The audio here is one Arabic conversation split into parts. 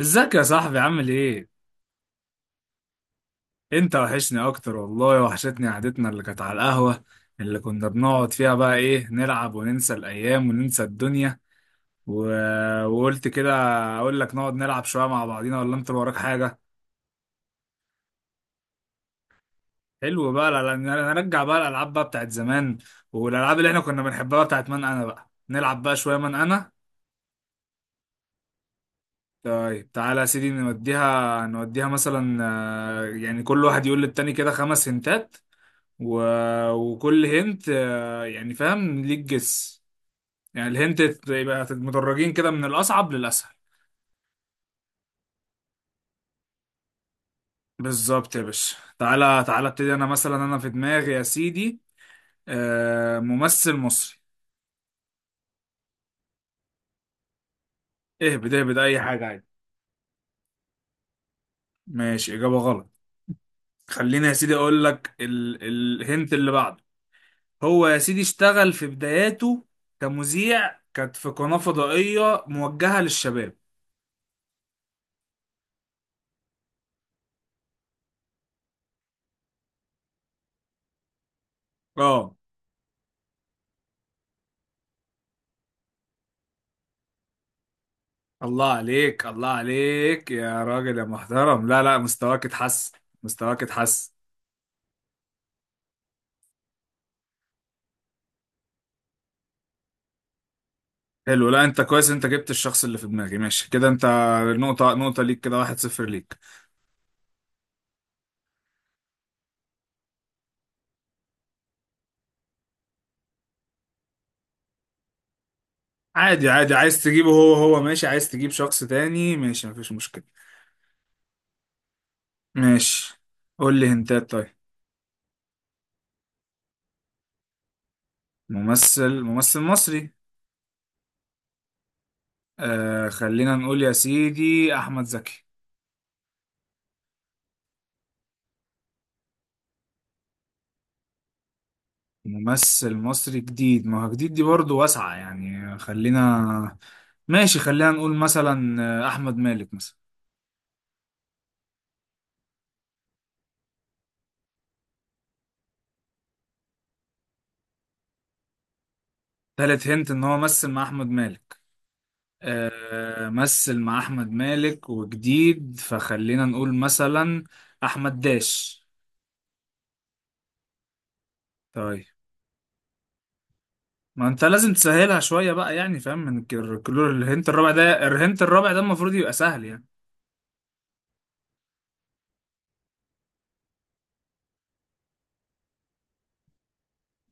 ازيك يا صاحبي عامل ايه؟ انت وحشني اكتر والله وحشتني قعدتنا اللي كانت على القهوة اللي كنا بنقعد فيها بقى ايه نلعب وننسى الايام وننسى الدنيا و... وقلت كده اقول لك نقعد نلعب شوية مع بعضينا ولا انت اللي وراك حاجة؟ حلو بقى لا، نرجع بقى الالعاب بقى بتاعت زمان والالعاب اللي احنا كنا بنحبها بتاعت من انا بقى نلعب بقى شوية من انا. طيب تعالى يا سيدي نوديها نوديها مثلا، يعني كل واحد يقول للتاني كده 5 هنتات. و... وكل هنت يعني فاهم ليك جس، يعني الهنت يبقى مدرجين كده من الأصعب للأسهل. بالظبط يا باشا، تعالى تعالى ابتدي. أنا مثلا أنا في دماغي يا سيدي ممثل مصري. اهبد اهبد أي حاجة عادي. ماشي، إجابة غلط. خليني يا سيدي أقول لك الهنت اللي بعده. هو يا سيدي اشتغل في بداياته كمذيع، كانت في قناة فضائية موجهة للشباب. اه. الله عليك الله عليك يا راجل يا محترم، لا لا، مستواك اتحسن، مستواك اتحسن. حلو، لا انت كويس، انت جبت الشخص اللي في دماغي، ماشي كده انت. نقطة نقطة ليك، كده 1-0 ليك. عادي عادي، عايز تجيبه هو هو ماشي، عايز تجيب شخص تاني ماشي، مفيش مشكلة. ماشي، قول لي هنتات. طيب، ممثل مصري. آه خلينا نقول يا سيدي أحمد زكي. ممثل مصري جديد، ما هو جديد دي برضه واسعة يعني. خلينا ماشي، خلينا نقول مثلا أحمد مالك مثلا. تالت هنت إن هو مثل مع أحمد مالك. أه، مثل مع أحمد مالك وجديد، فخلينا نقول مثلا أحمد داش. طيب، ما أنت لازم تسهلها شوية بقى يعني، فاهم، كل الهنت الرابع ده، الهنت الرابع ده المفروض يبقى سهل يعني.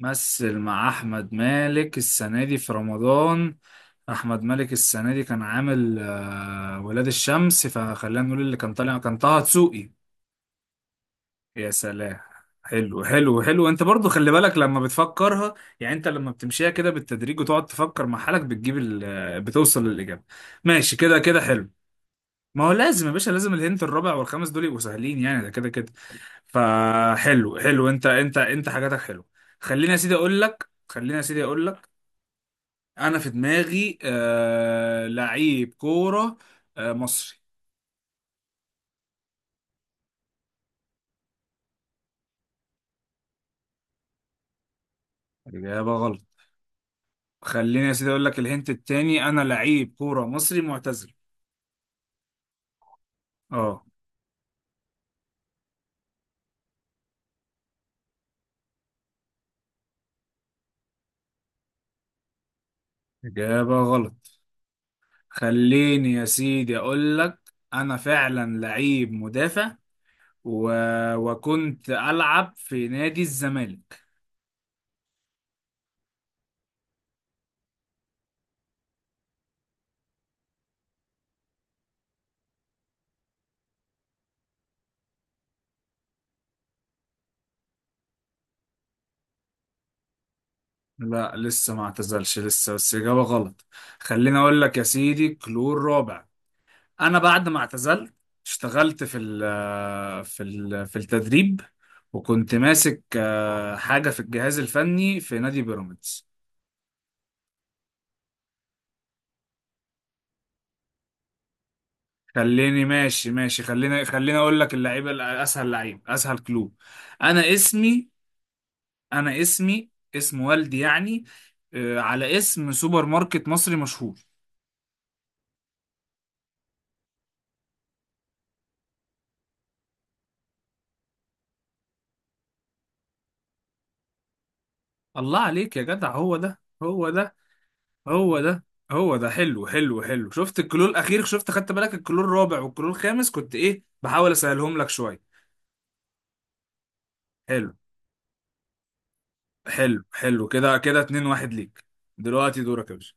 مثل مع أحمد مالك السنة دي في رمضان. احمد مالك السنه دي كان عامل ولاد الشمس، فخلينا نقول اللي كان طالع كان طه دسوقي. يا سلام. حلو حلو حلو، انت برضو خلي بالك لما بتفكرها، يعني انت لما بتمشيها كده بالتدريج وتقعد تفكر مع حالك بتجيب بتوصل للاجابه. ماشي كده كده حلو. ما هو لازم يا باشا، لازم الهنت الرابع والخامس دول يبقوا سهلين يعني ده كده كده. فحلو حلو، انت حاجاتك حلو. خليني يا سيدي اقول لك انا في دماغي آه لعيب كوره، آه مصري. اجابه غلط. خليني يا سيدي اقول لك الهنت التاني، انا لعيب كوره مصري معتزل. اه. اجابه غلط. خليني يا سيدي اقول لك انا فعلا لعيب مدافع، و... وكنت العب في نادي الزمالك. لا لسه ما اعتزلش لسه، بس اجابه غلط. خليني اقول لك يا سيدي كلور رابع. انا بعد ما اعتزلت اشتغلت في التدريب، وكنت ماسك حاجه في الجهاز الفني في نادي بيراميدز. خليني ماشي ماشي خلينا خلينا اقول لك اللعيبه اسهل لعيب اسهل كلوب. انا اسمي انا اسمي اسم والدي يعني، على اسم سوبر ماركت مصري مشهور. الله عليك يا جدع، هو ده هو ده، هو ده هو ده. حلو حلو حلو، شفت الكلور الاخير، شفت خدت بالك الكلور الرابع والكلور الخامس كنت ايه بحاول اسهلهم لك شويه. حلو حلو حلو، كده كده 2-1 ليك. دلوقتي دورك يا باشا.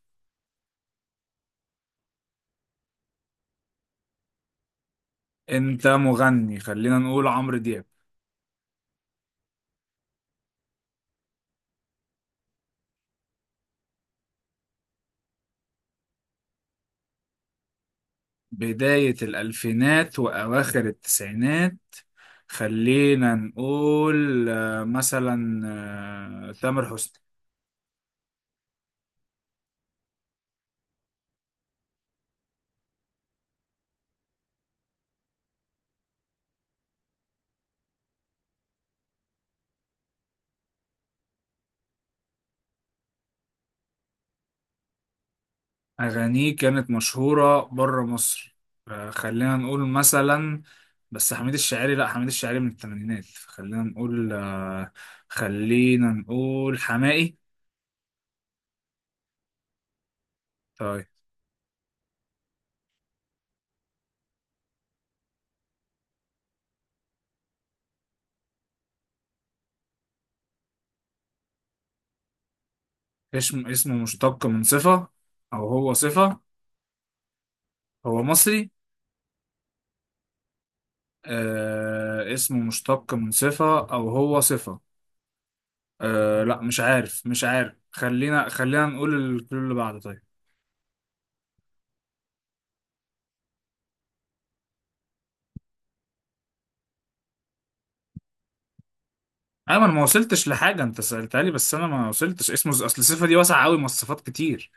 انت مغني، خلينا نقول عمرو دياب. بدايه الالفينات واواخر التسعينات، خلينا نقول مثلا تامر حسني. أغانيه كانت مشهورة بره مصر، خلينا نقول مثلا بس حميد الشاعري، لا حميد الشاعري من الثمانينات. خلينا نقول خلينا نقول حماقي. طيب، اسم اسمه مشتق من صفة أو هو صفة. هو مصري. آه اسمه مشتق من صفة أو هو صفة. آه لا مش عارف مش عارف، خلينا خلينا نقول الكل اللي بعده. طيب أيمن، ما وصلتش لحاجة، أنت سألتها لي بس أنا ما وصلتش، اسمه أصل صفة دي واسعة أوي مواصفات كتير.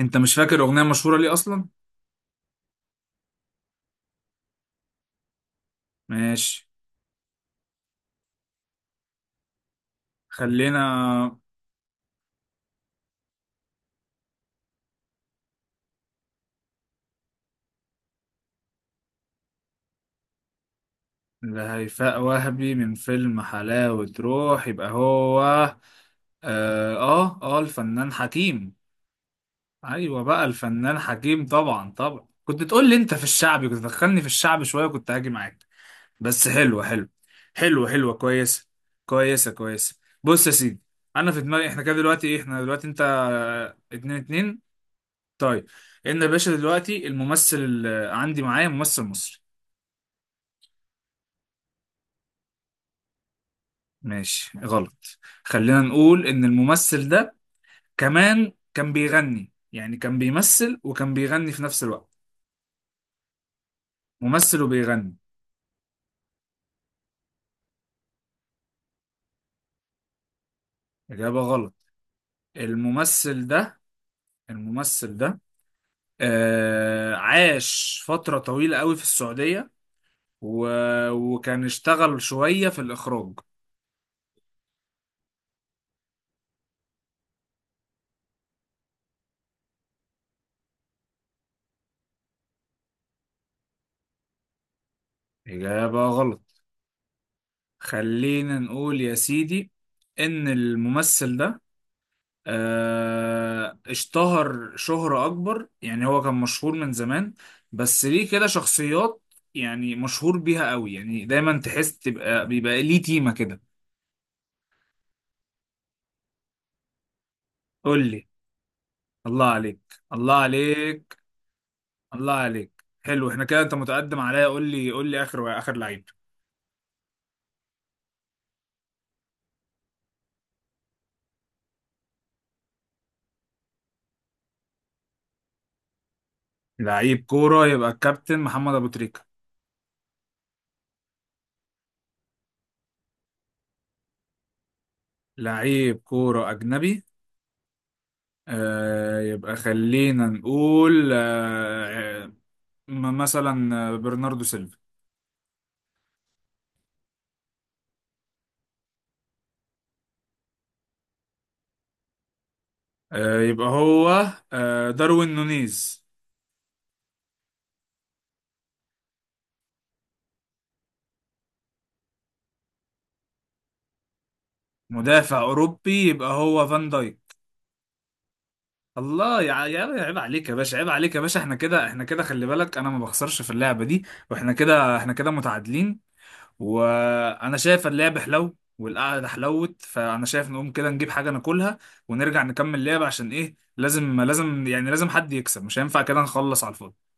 انت مش فاكر اغنيه مشهوره ليه اصلا؟ ماشي خلينا. لهيفاء وهبي من فيلم حلاوه روح، يبقى هو اه. اه، الفنان حكيم. ايوه بقى الفنان حكيم، طبعا طبعا كنت تقول لي انت في الشعبي، كنت تدخلني في الشعب شويه كنت هاجي معاك. بس حلوه حلوه، حلوه حلوه كويسه، كويسه كويسه. بص يا سيدي، انا في دماغي احنا كده دلوقتي ايه، احنا دلوقتي انت 2-2. طيب ان يا باشا، دلوقتي الممثل اللي عندي معايا ممثل مصري. ماشي غلط. خلينا نقول ان الممثل ده كمان كان بيغني، يعني كان بيمثل وكان بيغني في نفس الوقت. ممثل وبيغني. اجابة غلط. الممثل ده الممثل ده آه عاش فترة طويلة قوي في السعودية، و... وكان اشتغل شوية في الإخراج. إجابة غلط. خلينا نقول يا سيدي إن الممثل ده اشتهر شهرة أكبر، يعني هو كان مشهور من زمان بس ليه كده شخصيات يعني مشهور بيها قوي، يعني دايما تحس تبقى بيبقى ليه تيمة كده. قول لي. الله عليك، الله عليك، الله عليك، حلو. احنا كده انت متقدم عليا، قول لي قول لي اخر اخر لعيب. لعيب كورة، يبقى الكابتن محمد ابو تريكة. لعيب كورة اجنبي آه، يبقى خلينا نقول مثلا برناردو سيلفا. يبقى هو داروين نونيز. مدافع اوروبي، يبقى هو فان دايك. الله يا عيب عليك يا باشا، عيب عليك يا باشا، احنا كده احنا كده، خلي بالك انا ما بخسرش في اللعبه دي. واحنا كده احنا كده متعادلين. وانا شايف اللعب حلو والقعده حلوت، فانا شايف نقوم كده نجيب حاجه ناكلها ونرجع نكمل لعب، عشان ايه لازم لازم يعني لازم حد يكسب، مش هينفع كده نخلص على الفاضي.